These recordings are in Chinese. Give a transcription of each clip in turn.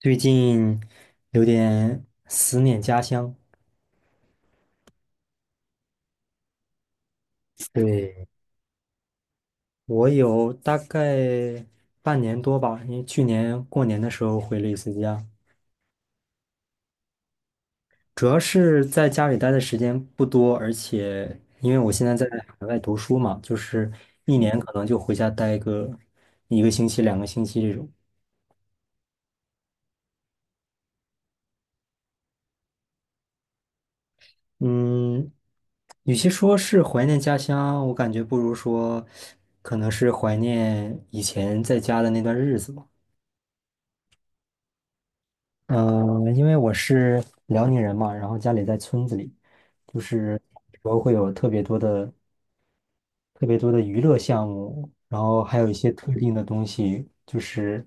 最近有点思念家乡，对，我有大概半年多吧，因为去年过年的时候回了一次家，主要是在家里待的时间不多，而且因为我现在在海外读书嘛，就是一年可能就回家待个一个星期、两个星期这种。嗯，与其说是怀念家乡，我感觉不如说可能是怀念以前在家的那段日子吧。因为我是辽宁人嘛，然后家里在村子里，就是说会有特别多的娱乐项目，然后还有一些特定的东西，就是。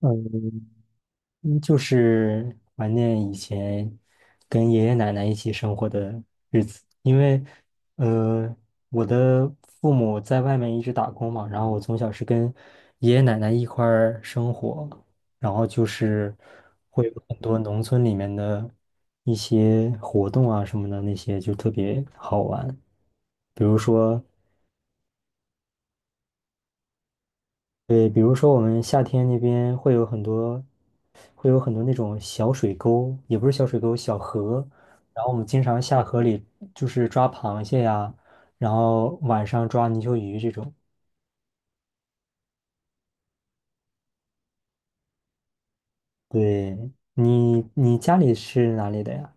呃嗯，就是怀念以前跟爷爷奶奶一起生活的日子，因为，呃，我的父母在外面一直打工嘛，然后我从小是跟爷爷奶奶一块儿生活，然后就是会有很多农村里面的一些活动啊什么的，那些就特别好玩，比如说对，比如说我们夏天那边会有很多，那种小水沟，也不是小水沟，小河。然后我们经常下河里，就是抓螃蟹呀，然后晚上抓泥鳅鱼这种。对，你家里是哪里的呀？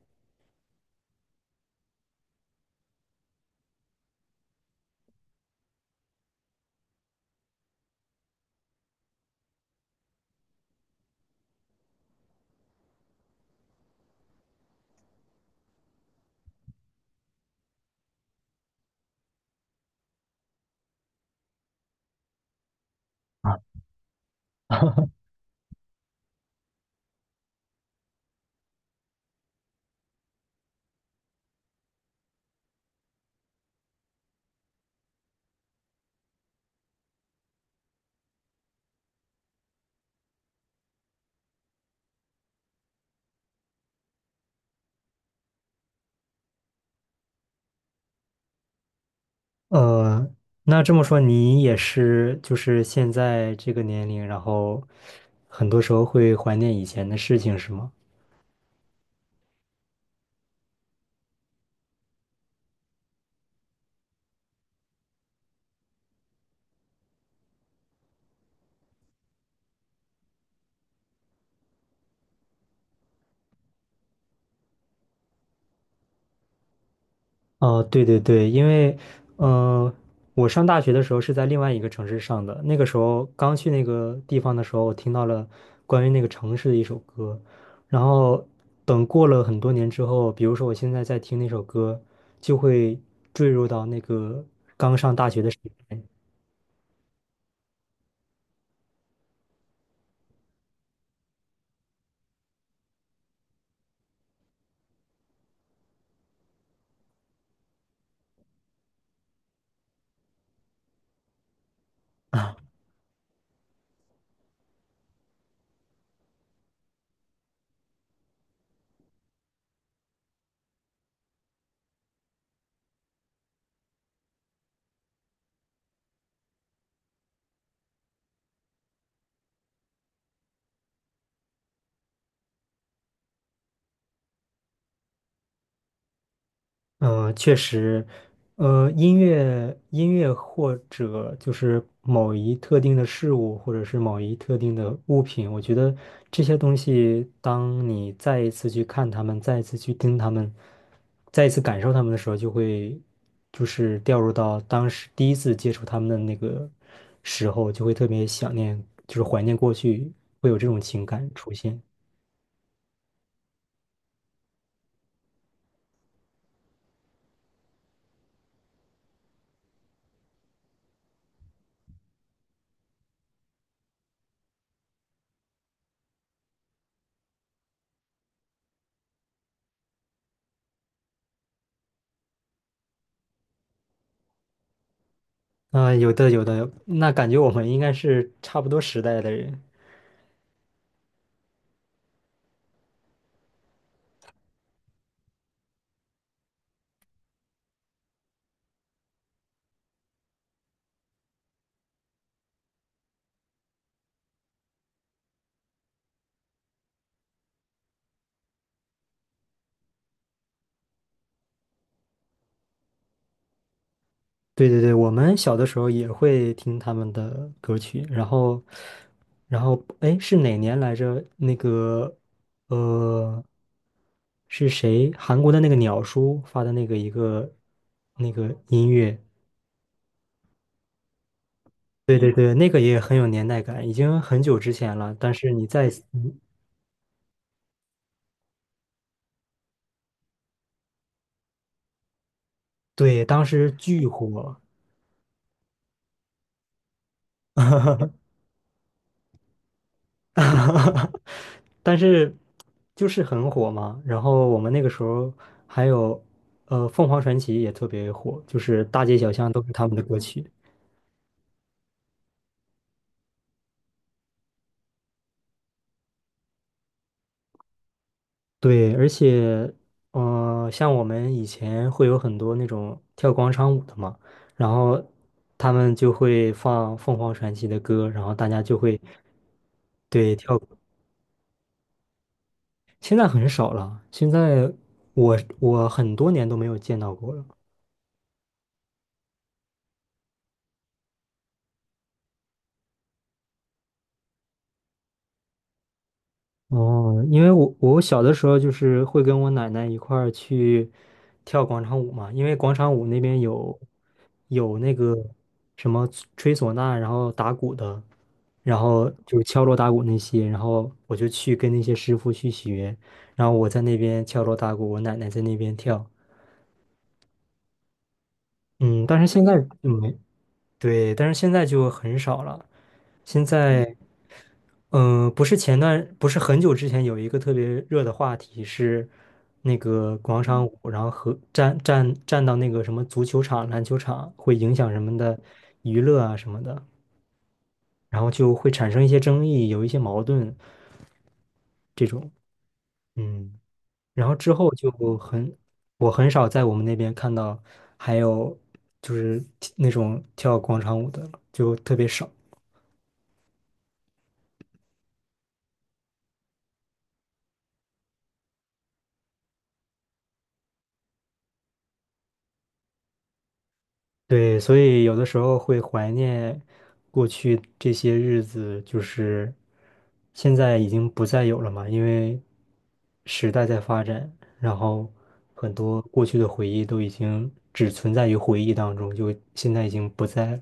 呃，那这么说你也是，就是现在这个年龄，然后很多时候会怀念以前的事情，是吗？哦，对对对，因为，呃，我上大学的时候是在另外一个城市上的，那个时候刚去那个地方的时候，我听到了关于那个城市的一首歌，然后等过了很多年之后，比如说我现在在听那首歌，就会坠入到那个刚上大学的时代。嗯，确实，音乐或者就是某一特定的事物，或者是某一特定的物品，我觉得这些东西，当你再一次去看他们，再一次去听他们，再一次感受他们的时候，就会就是掉入到当时第一次接触他们的那个时候，就会特别想念，就是怀念过去，会有这种情感出现。啊、有的有的，那感觉我们应该是差不多时代的人。对对对，我们小的时候也会听他们的歌曲，然后，哎，是哪年来着？那个，呃，是谁？韩国的那个鸟叔发的那个一个那个音乐，对对对，那个也很有年代感，已经很久之前了，但是你在，嗯对，当时巨火，但是就是很火嘛。然后我们那个时候还有，凤凰传奇也特别火，就是大街小巷都是他们的歌曲。对，而且，像我们以前会有很多那种跳广场舞的嘛，然后他们就会放凤凰传奇的歌，然后大家就会对跳。现在很少了，现在我很多年都没有见到过了。哦，因为我小的时候就是会跟我奶奶一块儿去跳广场舞嘛，因为广场舞那边有那个什么吹唢呐，然后打鼓的，然后就是敲锣打鼓那些，然后我就去跟那些师傅去学，然后我在那边敲锣打鼓，我奶奶在那边跳，嗯，但是现在嗯没，对，但是现在就很少了，现在。嗯，不是很久之前有一个特别热的话题是那个广场舞，然后和站到那个什么足球场、篮球场会影响人们的娱乐啊什么的，然后就会产生一些争议，有一些矛盾这种。嗯，然后之后就很，我很少在我们那边看到还有就是那种跳广场舞的了就特别少。对，所以有的时候会怀念过去这些日子，就是现在已经不再有了嘛，因为时代在发展，然后很多过去的回忆都已经只存在于回忆当中，就现在已经不在了。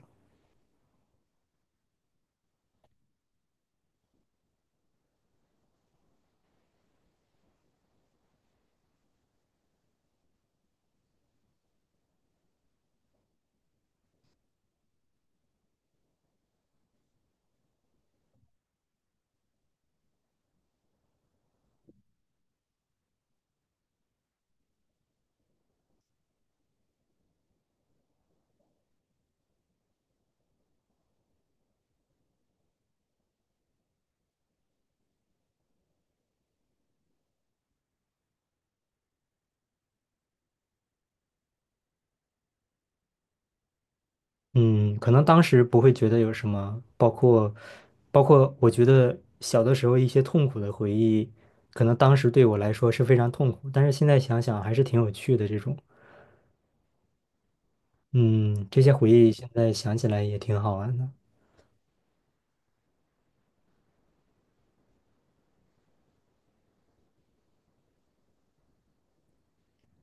嗯，可能当时不会觉得有什么，包括我觉得小的时候一些痛苦的回忆，可能当时对我来说是非常痛苦，但是现在想想还是挺有趣的这种。嗯，这些回忆现在想起来也挺好玩的，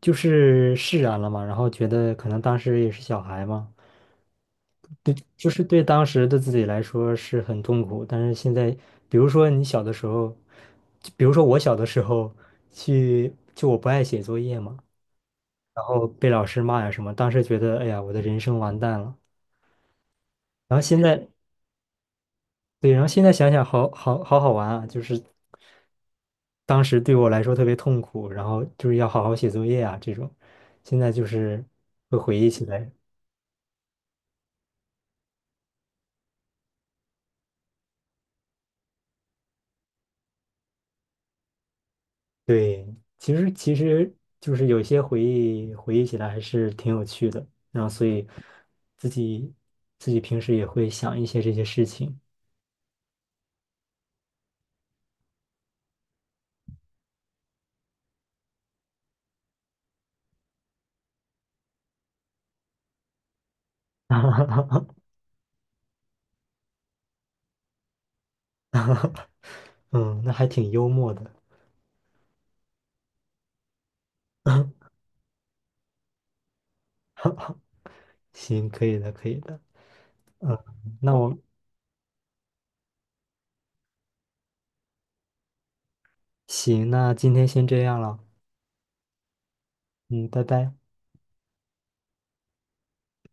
就是释然了嘛，然后觉得可能当时也是小孩嘛，对，就是对当时的自己来说是很痛苦，但是现在，比如说你小的时候，就比如说我小的时候去，就我不爱写作业嘛，然后被老师骂呀什么，当时觉得哎呀，我的人生完蛋了，然后现在，对，然后现在想想好好玩啊，就是。当时对我来说特别痛苦，然后就是要好好写作业啊这种，现在就是会回忆起来，对，其实就是有些回忆回忆起来还是挺有趣的，然后所以自己自己平时也会想一些这些事情，嗯，那还挺幽默的，行，可以的，可以的，嗯，那我行，那今天先这样了，嗯，拜拜。